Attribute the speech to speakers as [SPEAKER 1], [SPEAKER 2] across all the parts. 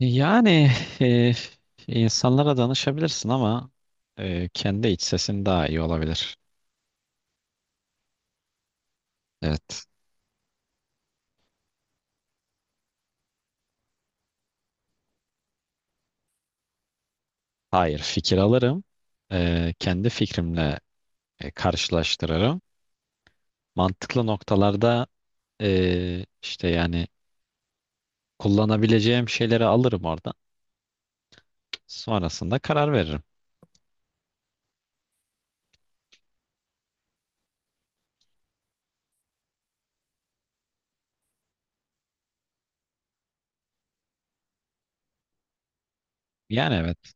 [SPEAKER 1] Yani e, insanlara danışabilirsin ama kendi iç sesin daha iyi olabilir. Evet. Hayır, fikir alırım. Kendi fikrimle karşılaştırırım. Mantıklı noktalarda yani kullanabileceğim şeyleri alırım oradan. Sonrasında karar veririm. Yani, evet.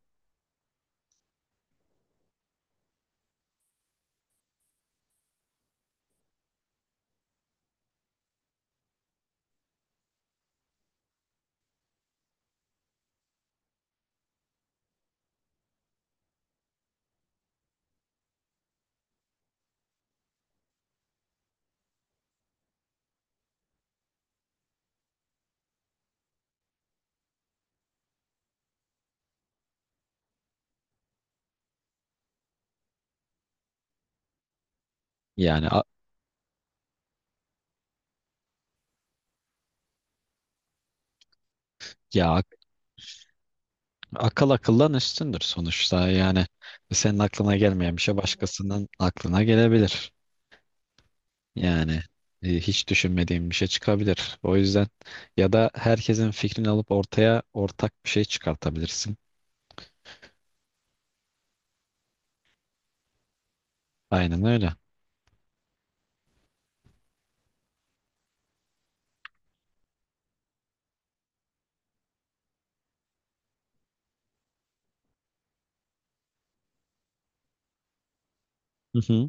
[SPEAKER 1] Yani a- ya ak- akıl akıldan üstündür sonuçta. Yani senin aklına gelmeyen bir şey başkasının aklına gelebilir. Yani hiç düşünmediğim bir şey çıkabilir. O yüzden ya da herkesin fikrini alıp ortaya ortak bir şey çıkartabilirsin. Aynen öyle. Hı hı.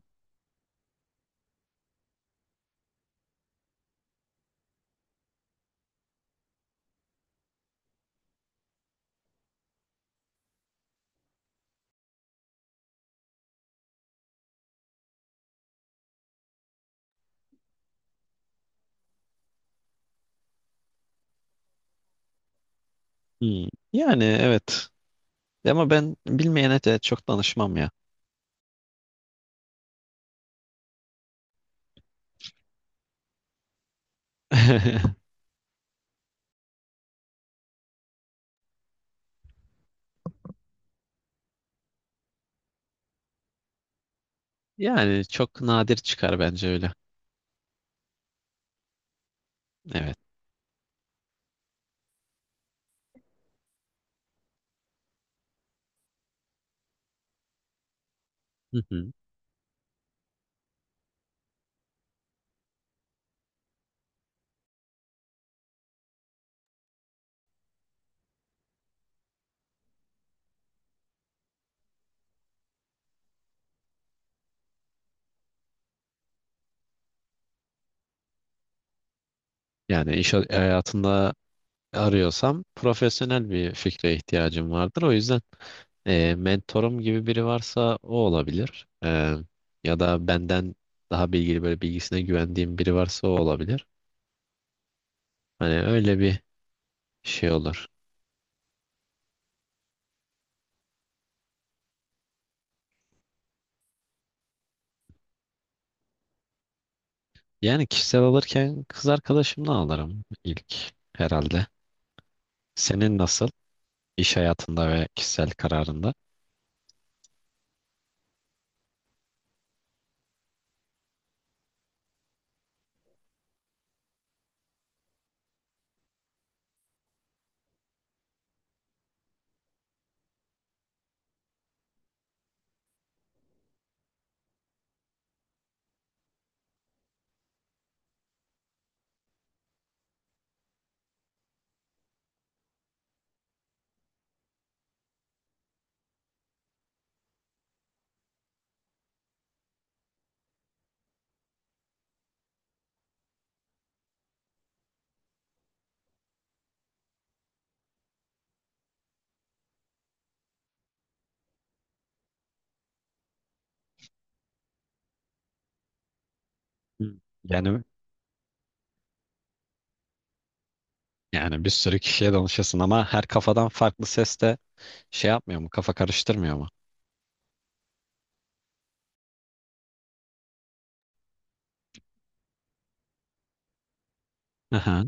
[SPEAKER 1] Hmm. Yani, evet. Ama ben bilmeyene de çok danışmam ya. Yani çok nadir çıkar bence öyle. Evet. Hı hı. Yani iş hayatında arıyorsam profesyonel bir fikre ihtiyacım vardır. O yüzden mentorum gibi biri varsa o olabilir. Ya da benden daha bilgili böyle bilgisine güvendiğim biri varsa o olabilir. Hani öyle bir şey olur. Yani kişisel alırken kız arkadaşımla alırım, ilk herhalde. Senin nasıl iş hayatında ve kişisel kararında? Hı. Yani yani bir sürü kişiye danışıyorsun ama her kafadan farklı ses de şey yapmıyor mu? Kafa karıştırmıyor mu? Aha.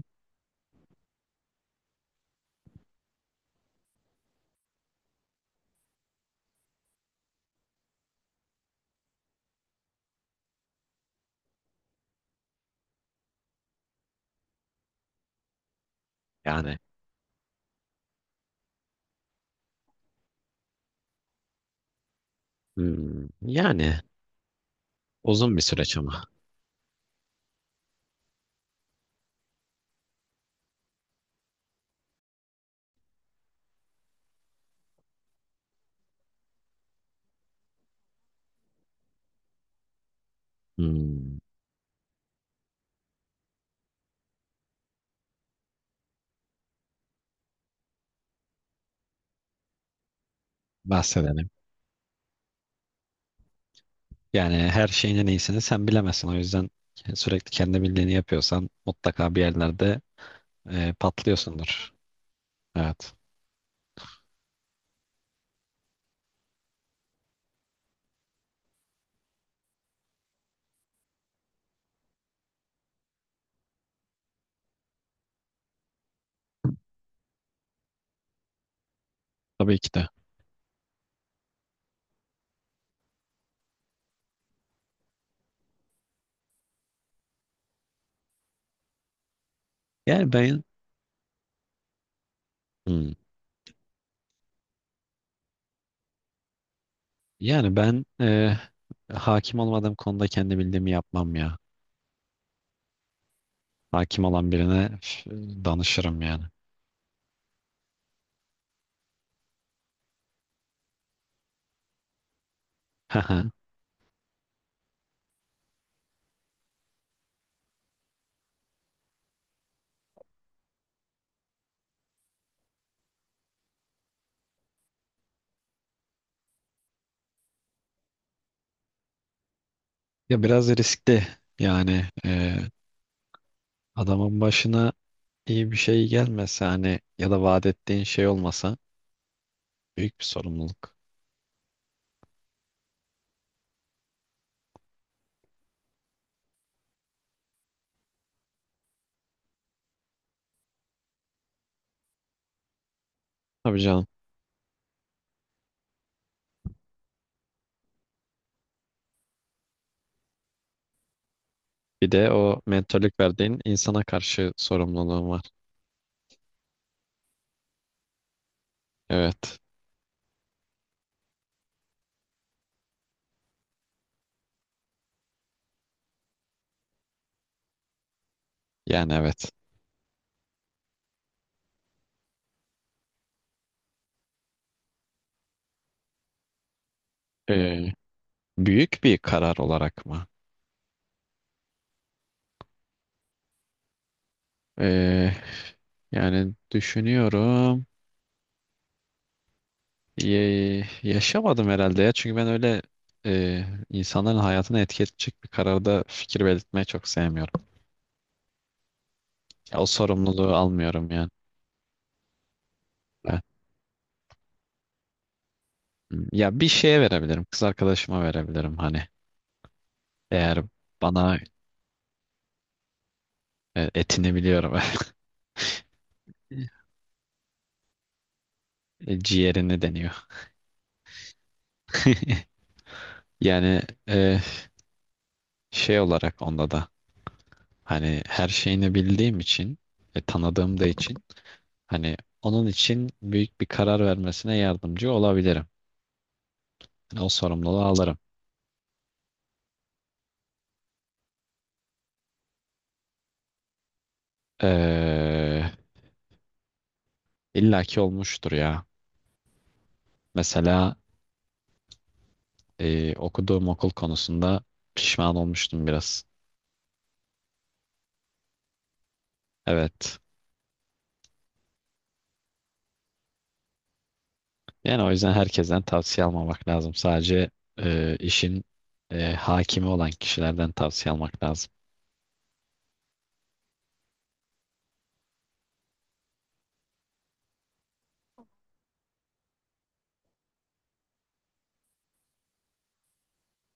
[SPEAKER 1] Yani, hmm, yani uzun bir süreç ama. Hmm, bahsedelim. Yani her şeyin en iyisini sen bilemezsin. O yüzden sürekli kendi bildiğini yapıyorsan mutlaka bir yerlerde patlıyorsundur. Evet. Tabii ki de. Yani ben hmm, yani ben e, hakim olmadığım konuda kendi bildiğimi yapmam ya. Hakim olan birine üf, danışırım yani. Ya biraz riskli yani. Adamın başına iyi bir şey gelmese, hani, ya da vaat ettiğin şey olmasa, büyük bir sorumluluk. Tabii canım. Bir de o mentörlük verdiğin insana karşı sorumluluğun var. Evet. Yani, evet. Ee, büyük bir karar olarak mı? Ee, yani düşünüyorum. Yaşamadım herhalde ya. Çünkü ben öyle e, insanların hayatını etki edecek bir kararda fikir belirtmeyi çok sevmiyorum. Ya, o sorumluluğu almıyorum yani. Ya, bir şeye verebilirim. Kız arkadaşıma verebilirim hani. Eğer bana etini biliyorum. Ciğerini deniyor. Yani e, şey olarak onda da hani her şeyini bildiğim için tanıdığım da için hani onun için büyük bir karar vermesine yardımcı olabilirim. Yani o sorumluluğu alırım. Eee, illa ki olmuştur ya. Mesela okuduğum okul konusunda pişman olmuştum biraz. Evet. Yani o yüzden herkesten tavsiye almamak lazım. Sadece işin hakimi olan kişilerden tavsiye almak lazım.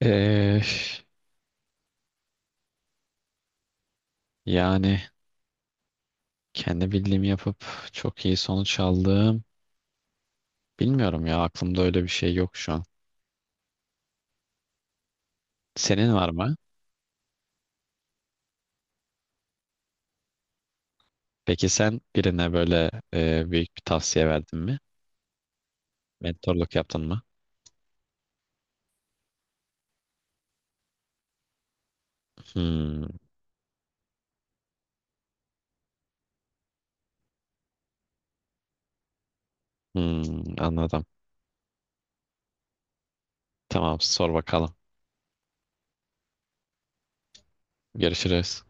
[SPEAKER 1] E, yani kendi bildiğimi yapıp çok iyi sonuç aldım. Bilmiyorum ya, aklımda öyle bir şey yok şu an. Senin var mı? Peki sen birine böyle büyük bir tavsiye verdin mi? Mentorluk yaptın mı? Hmm. Hmm, anladım. Tamam, sor bakalım. Görüşürüz.